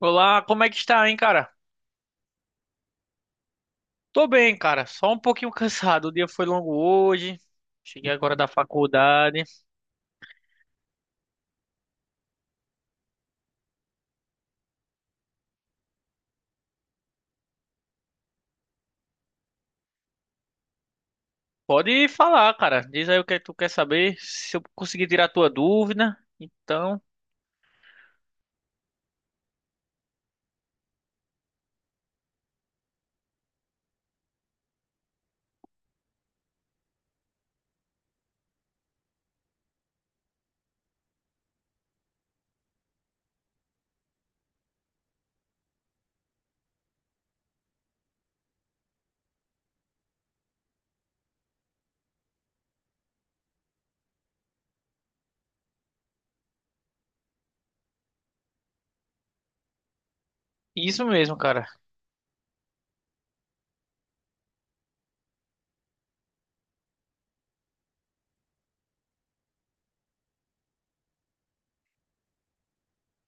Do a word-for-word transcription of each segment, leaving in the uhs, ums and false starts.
Olá, como é que está, hein, cara? Tô bem, cara. Só um pouquinho cansado. O dia foi longo hoje. Cheguei agora da faculdade. Pode falar, cara. Diz aí o que tu quer saber, se eu conseguir tirar a tua dúvida. Então, isso mesmo, cara.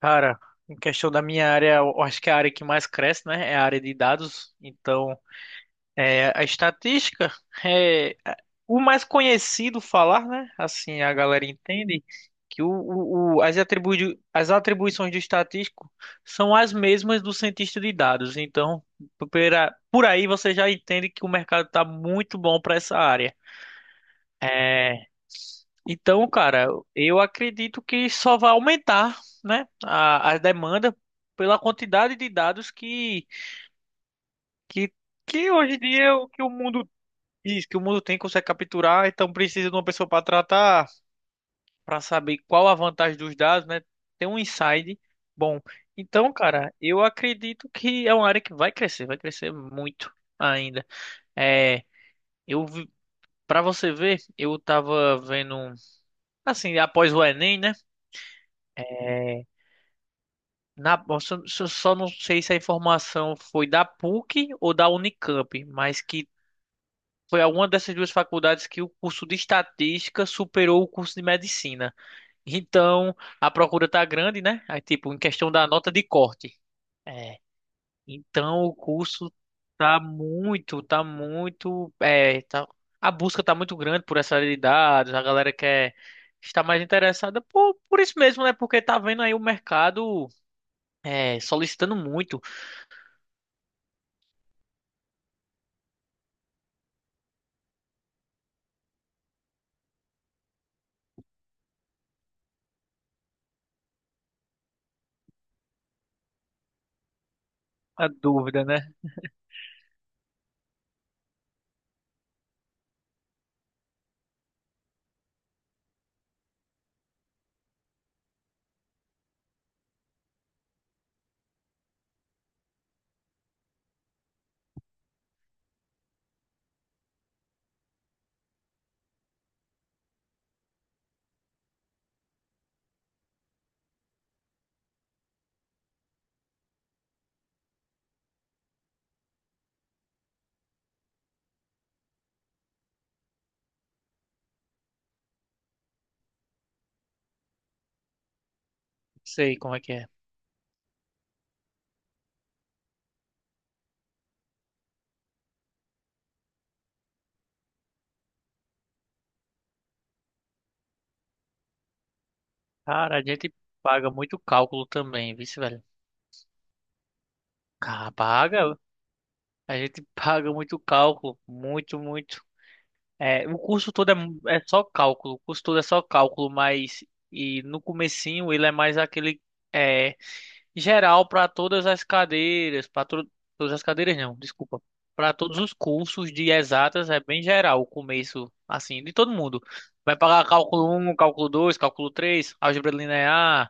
Cara, em questão da minha área, eu acho que é a área que mais cresce, né, é a área de dados. Então, é, a estatística é a- o mais conhecido falar, né? Assim a galera entende que o, o- o- as, atribui- as atribuições do estatístico são as mesmas do cientista de dados. Então, pera- por aí você já entende que o mercado está muito bom para essa área. Então, cara, eu acredito que só vai aumentar, né, a, a demanda pela quantidade de dados que, que, que hoje em dia o que o mundo... Isso, que o mundo tem consegue capturar, então precisa de uma pessoa para tratar, para saber qual a vantagem dos dados, né? Tem um insight bom. Então, cara, eu acredito que é uma área que vai crescer, vai crescer muito ainda. É, eu para você ver, eu tava vendo um- assim, após o Enem, né? É, na, eu só, só só não sei se a informação foi da P U C ou da Unicamp, mas que foi alguma dessas duas faculdades que o curso de estatística superou o curso de medicina. Então, a procura tá grande, né? Aí, tipo, em questão da nota de corte. É. Então, o curso tá muito, tá muito, é, tá, a busca tá muito grande por essa área de dados, a galera quer estar mais interessada por, por isso mesmo, né? Porque tá vendo aí o mercado, é, solicitando muito a dúvida, né? Sei como é que é. Cara, a gente paga muito cálculo também, vice, velho. Cara, paga, a gente paga muito cálculo, muito, muito. É, o curso todo é, mu- é só cálculo, o curso todo é só cálculo, mas e no comecinho ele é mais aquele é, geral para todas as cadeiras, para todas as cadeiras não, desculpa, para todos os cursos de exatas é bem geral o começo, assim, de todo mundo. Vai pagar cálculo um, cálculo dois, cálculo três, álgebra linear,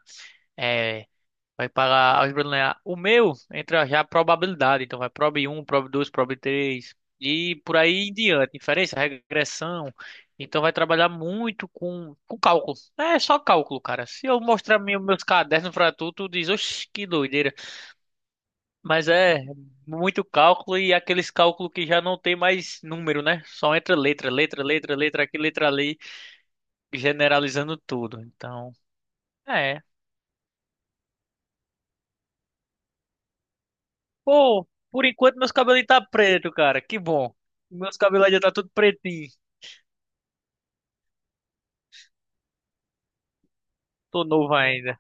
é, vai pagar álgebra linear. O meu entra já a probabilidade. Então vai prob um prob dois prob três e por aí em diante. Inferência, regressão. Então vai trabalhar muito com, com cálculo. É só cálculo, cara. Se eu mostrar meu- meus cadernos pra tu, tu diz, oxe, que doideira. Mas é muito cálculo e aqueles cálculos que já não tem mais número, né? Só entra letra, letra, letra, letra aqui, letra ali, generalizando tudo. Então, é, pô, por enquanto meus cabelos tá preto, cara. Que bom. Meus cabelos já tá tudo pretinho. Tô novo ainda.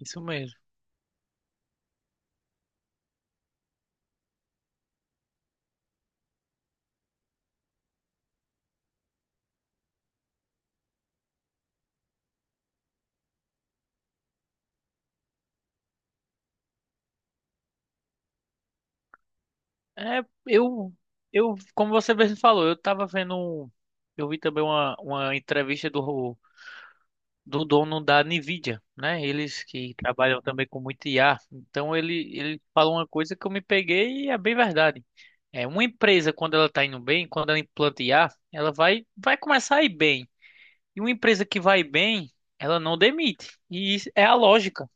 Isso mesmo. É, eu, eu, como você mesmo falou, eu tava vendo, um- eu vi também uma, uma entrevista do, do dono da Nvidia, né? Eles que trabalham também com muito I A. Então ele, ele falou uma coisa que eu me peguei e é bem verdade. É, uma empresa, quando ela tá indo bem, quando ela implanta I A, ela vai, vai começar a ir bem. E uma empresa que vai bem, ela não demite. E isso é a lógica.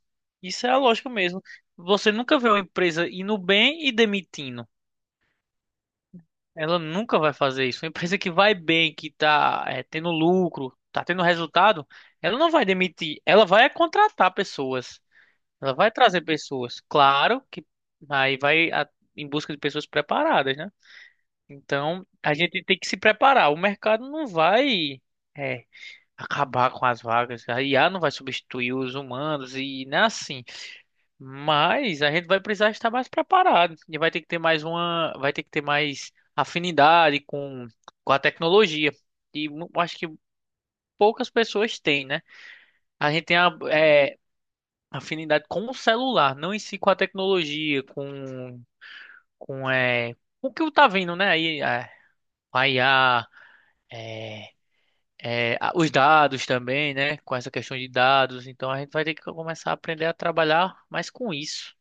Isso é a lógica mesmo. Você nunca vê uma empresa indo bem e demitindo. Ela nunca vai fazer isso. Uma empresa que vai bem, que tá, eh, tendo lucro, tá tendo resultado, ela não vai demitir. Ela vai contratar pessoas. Ela vai trazer pessoas. Claro que aí vai a- em busca de pessoas preparadas, né? Então, a gente tem que se preparar. O mercado não vai, é, acabar com as vagas. A I A não vai substituir os humanos e não é assim. Mas a gente vai precisar estar mais preparado e vai ter que ter mais uma, vai ter que ter mais afinidade com, com a tecnologia. E mu- acho que poucas pessoas têm, né? A gente tem a, é, afinidade com o celular, não em si com a tecnologia, com com é, o que tá vindo, né? Aí é, a I A, é, a- os dados também, né? Com essa questão de dados, então a gente vai ter que começar a aprender a trabalhar mais com isso.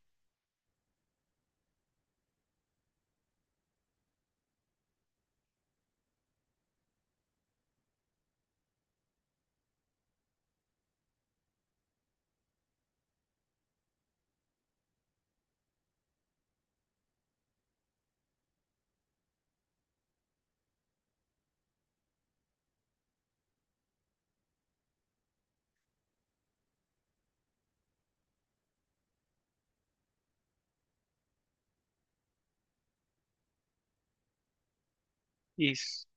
Isso.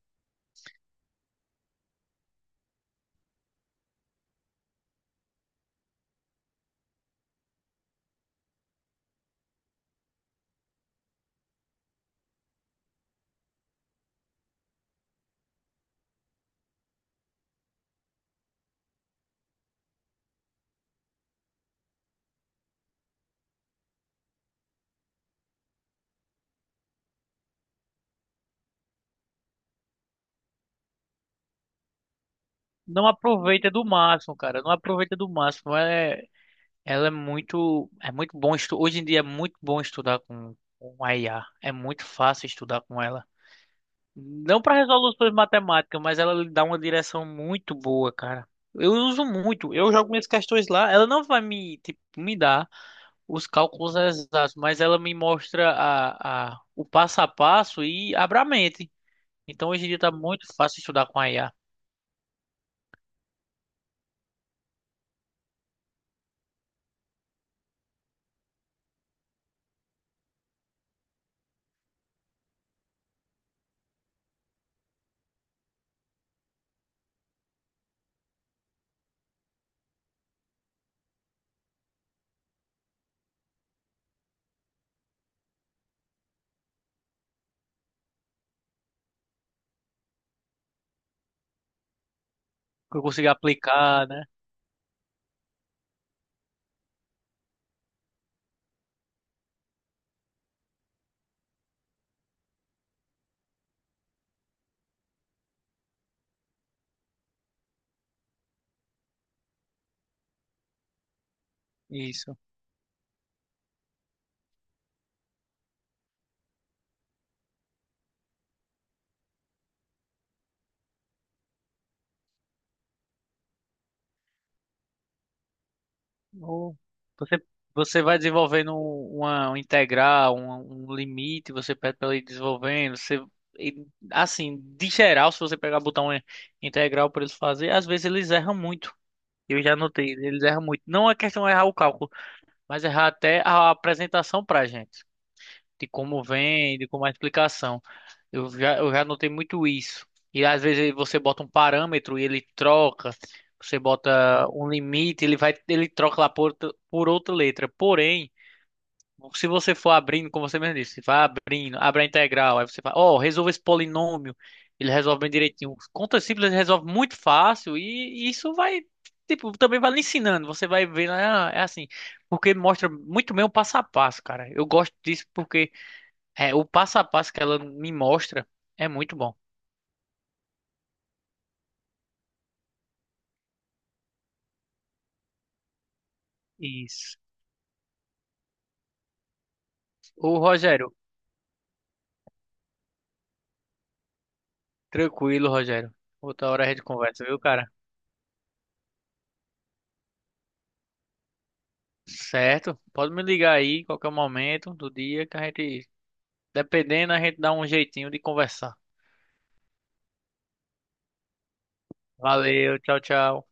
Não aproveita do máximo, cara. Não aproveita do máximo. É, ela é muito, é muito bom estu- hoje em dia é muito bom estudar com, com a I A. É muito fácil estudar com ela. Não para resoluções matemáticas, mas ela lhe dá uma direção muito boa, cara. Eu uso muito. Eu jogo minhas questões lá. Ela não vai me, tipo, me dar os cálculos exatos, mas ela me mostra a, a, o passo a passo e abre a mente. Então hoje em dia tá muito fácil estudar com a I A. Que eu consigo aplicar, né? Isso. Ou Você, você vai desenvolvendo um- uma, um integral, um, um limite, você pede para ele ir desenvolvendo. Você, e, assim, de geral, se você pegar botar uma integral para eles fazer, às vezes eles erram muito. Eu já notei, eles erram muito. Não é questão de errar o cálculo, mas errar até a apresentação para a gente, de como vem, de como é a explicação. Eu já, eu já notei muito isso. E às vezes você bota um parâmetro e ele troca. Você bota um limite, ele vai, ele troca lá por, outra- por outra letra. Porém, se você for abrindo, como você mesmo disse, vai abrindo, abre a integral, aí você fala, ó, resolve esse polinômio. Ele resolve bem direitinho. Conta simples ele resolve muito fácil e isso vai, tipo, também vai lhe ensinando. Você vai vendo, ah, é assim, porque mostra muito bem o passo a passo, cara. Eu gosto disso porque é, o passo a passo que ela me mostra é muito bom. Isso. Ô, Rogério, tranquilo, Rogério. Outra hora a gente conversa, viu, cara? Certo? Pode me ligar aí, qualquer momento do dia, que a gente, dependendo, a gente dá um jeitinho de conversar. Valeu, tchau, tchau.